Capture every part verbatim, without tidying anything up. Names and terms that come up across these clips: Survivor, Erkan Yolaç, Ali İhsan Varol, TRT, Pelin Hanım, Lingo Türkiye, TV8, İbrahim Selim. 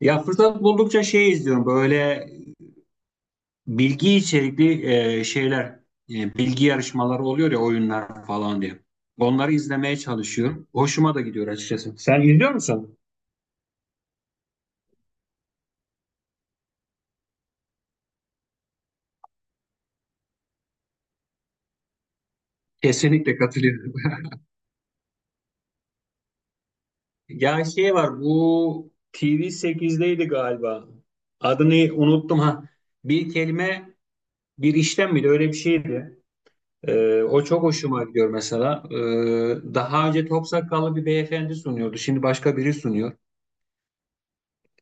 Ya fırsat buldukça şey izliyorum böyle bilgi içerikli e, şeyler, e, bilgi yarışmaları oluyor ya, oyunlar falan diye. Onları izlemeye çalışıyorum. Hoşuma da gidiyor açıkçası. Sen izliyor musun? Kesinlikle katılıyorum. Ya şey var, bu T V sekizdeydi galiba. Adını unuttum ha. Bir kelime bir işlem miydi, öyle bir şeydi. Ee, o çok hoşuma gidiyor mesela. Ee, daha önce Topsakallı bir beyefendi sunuyordu. Şimdi başka biri sunuyor.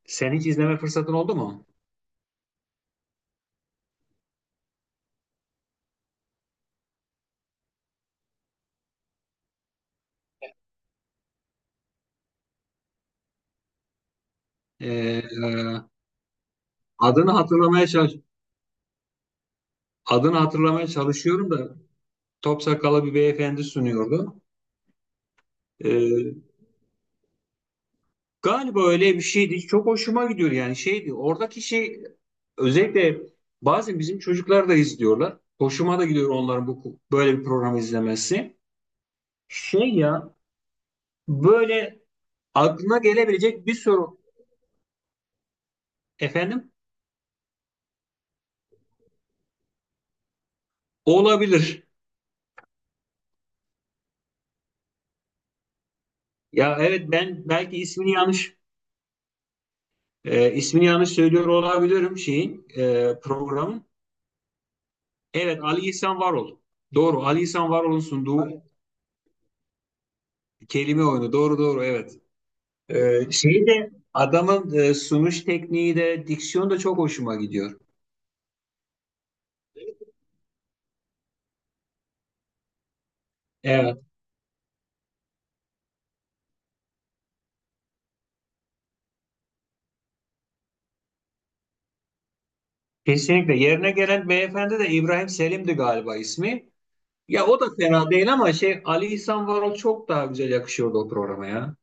Sen hiç izleme fırsatın oldu mu? Ee, adını hatırlamaya çalış Adını hatırlamaya çalışıyorum da top sakallı bir beyefendi sunuyordu. Ee, Galiba öyle bir şeydi. Çok hoşuma gidiyor, yani şeydi. Oradaki şey, özellikle bazen bizim çocuklar da izliyorlar. Hoşuma da gidiyor onların bu böyle bir programı izlemesi. Şey ya, böyle aklına gelebilecek bir soru, efendim, olabilir. Ya evet, ben belki ismini yanlış. Ee, ismini yanlış söylüyor olabilirim şeyin, e, programın. Evet, Ali İhsan Varol. Doğru, Ali İhsan Varol'un sunduğu kelime oyunu. Doğru doğru, evet. Ee, şey de adamın, e, sunuş tekniği de, diksiyon da çok hoşuma gidiyor. Evet. Kesinlikle. Yerine gelen beyefendi de İbrahim Selim'di galiba ismi. Ya o da fena değil ama şey, Ali İhsan Varol çok daha güzel yakışıyordu o programa ya.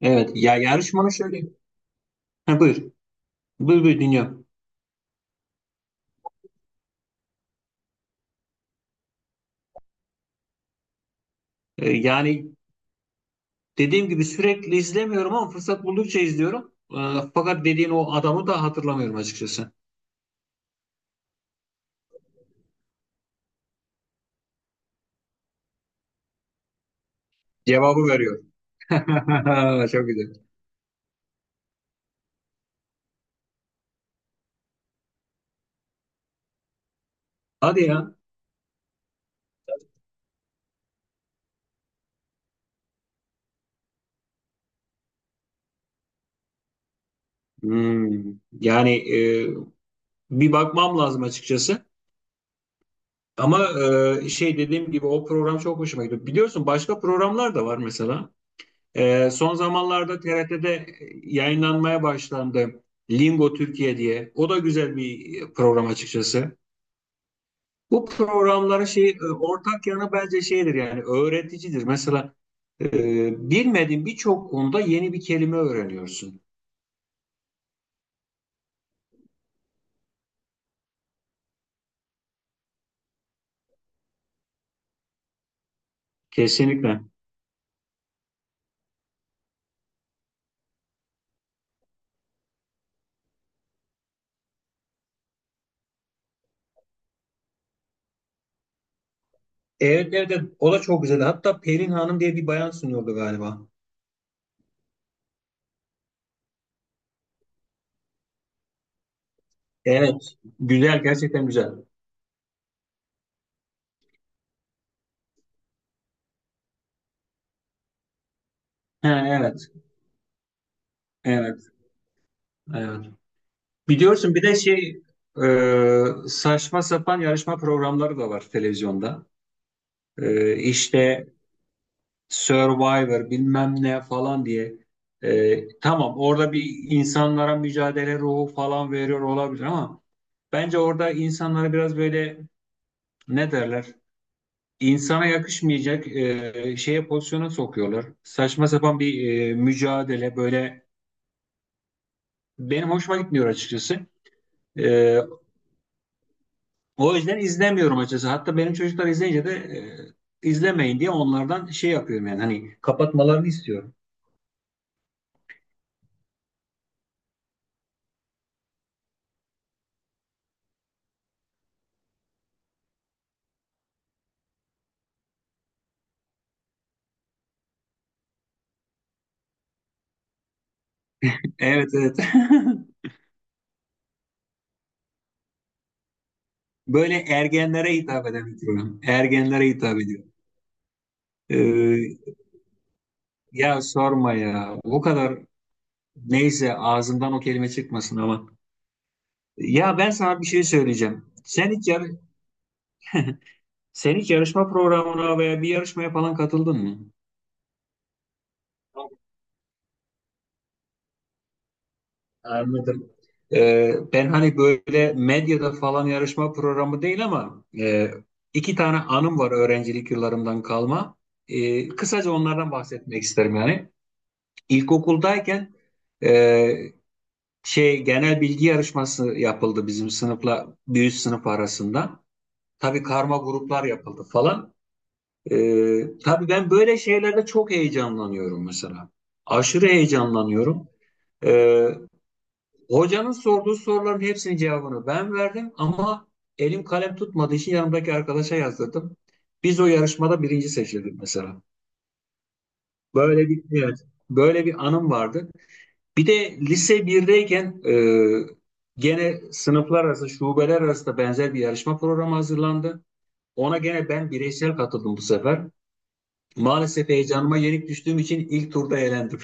Evet. Ya yarışmanın şöyle. Ha, buyur. Buyur buyur, dinliyorum. Ee, Yani Dediğim gibi sürekli izlemiyorum ama fırsat buldukça izliyorum. Ee, Fakat dediğin o adamı da hatırlamıyorum açıkçası. Cevabı veriyor. Çok güzel. Hadi ya. Hmm. Yani, e, bir bakmam lazım açıkçası. Ama, e, şey, dediğim gibi o program çok hoşuma gidiyor. Biliyorsun başka programlar da var mesela. E, son zamanlarda T R T'de yayınlanmaya başlandı. Lingo Türkiye diye. O da güzel bir program açıkçası. Bu programların şey, e, ortak yanı bence şeydir, yani öğreticidir. Mesela e, bilmediğin birçok konuda yeni bir kelime öğreniyorsun. Kesinlikle. Evet evet evet. O da çok güzel. Hatta Pelin Hanım diye bir bayan sunuyordu galiba. Evet. Güzel, gerçekten güzel. Ha, evet. Evet. Evet. Biliyorsun bir de şey, e, saçma sapan yarışma programları da var televizyonda. E, işte Survivor bilmem ne falan diye. Ee, tamam, orada bir insanlara mücadele ruhu falan veriyor olabilir ama bence orada insanları biraz böyle, ne derler, İnsana yakışmayacak e, şeye, pozisyona sokuyorlar. Saçma sapan bir e, mücadele, böyle benim hoşuma gitmiyor açıkçası. Ee, O yüzden izlemiyorum açıkçası. Hatta benim çocuklar izleyince de e, izlemeyin diye onlardan şey yapıyorum, yani hani kapatmalarını istiyorum. Evet evet. Böyle ergenlere hitap eden bir program. Ergenlere hitap ediyor. Ee, Ya sorma ya. O kadar, neyse, ağzımdan o kelime çıkmasın ama. Ya, ben sana bir şey söyleyeceğim. Sen hiç, yar- sen hiç yarışma programına veya bir yarışmaya falan katıldın mı? Anladım. Ee, ben hani böyle medyada falan yarışma programı değil ama e, iki tane anım var öğrencilik yıllarımdan kalma. Ee, kısaca onlardan bahsetmek isterim yani. İlkokuldayken e, şey, genel bilgi yarışması yapıldı bizim sınıfla bir üst sınıf arasında. Tabii karma gruplar yapıldı falan. Ee, tabii ben böyle şeylerde çok heyecanlanıyorum mesela. Aşırı heyecanlanıyorum. Ee, Hocanın sorduğu soruların hepsinin cevabını ben verdim ama elim kalem tutmadığı için yanımdaki arkadaşa yazdırdım. Biz o yarışmada birinci seçildik mesela. Böyle bir evet, böyle bir anım vardı. Bir de lise birdeyken e, gene sınıflar arası, şubeler arası da benzer bir yarışma programı hazırlandı. Ona gene ben bireysel katıldım bu sefer. Maalesef heyecanıma yenik düştüğüm için ilk turda elendim.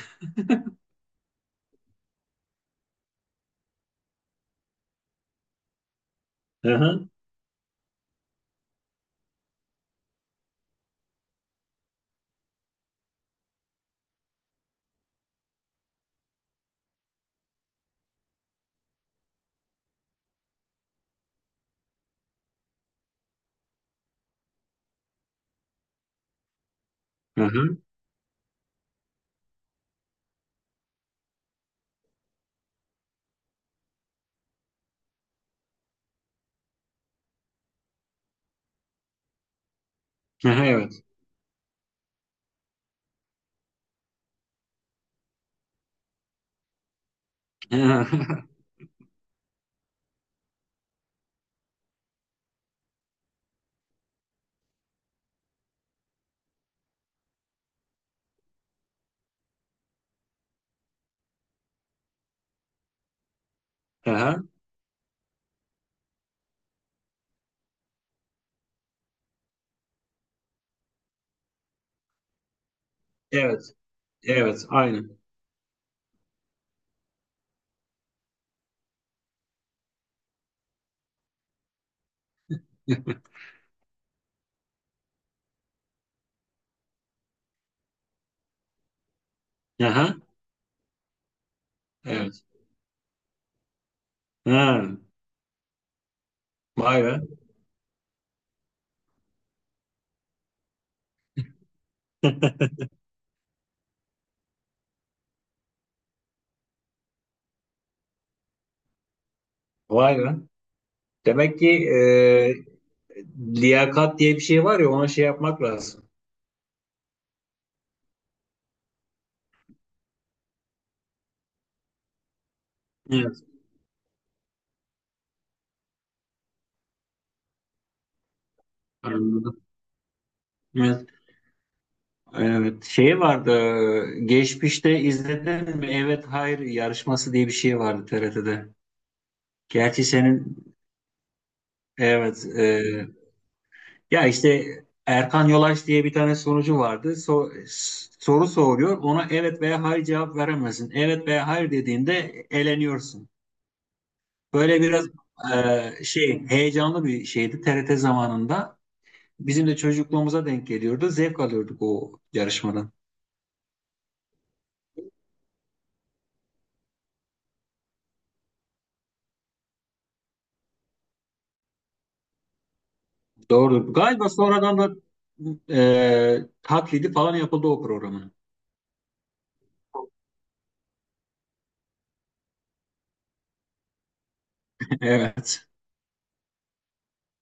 Hı hı. Hı hı. Hı hı, evet. Hı hı. Hı hı. Evet. Evet. Aynen. Aha, evet. Ha, vay be. Vay be. Demek ki, e, liyakat diye bir şey var ya, ona şey yapmak lazım. Evet, anladım. Evet. Evet. Şey vardı, e, geçmişte izledin mi? Evet hayır yarışması diye bir şey vardı T R T'de. Gerçi senin evet, e, ya işte Erkan Yolaç diye bir tane sunucu vardı. So- soru soruyor. Ona evet veya hayır cevap veremezsin. Evet veya hayır dediğinde eleniyorsun. Böyle biraz e, şey, heyecanlı bir şeydi T R T zamanında. Bizim de çocukluğumuza denk geliyordu. Zevk alıyorduk o yarışmadan. Doğru. Galiba sonradan da e, taklidi falan yapıldı o programın. Evet.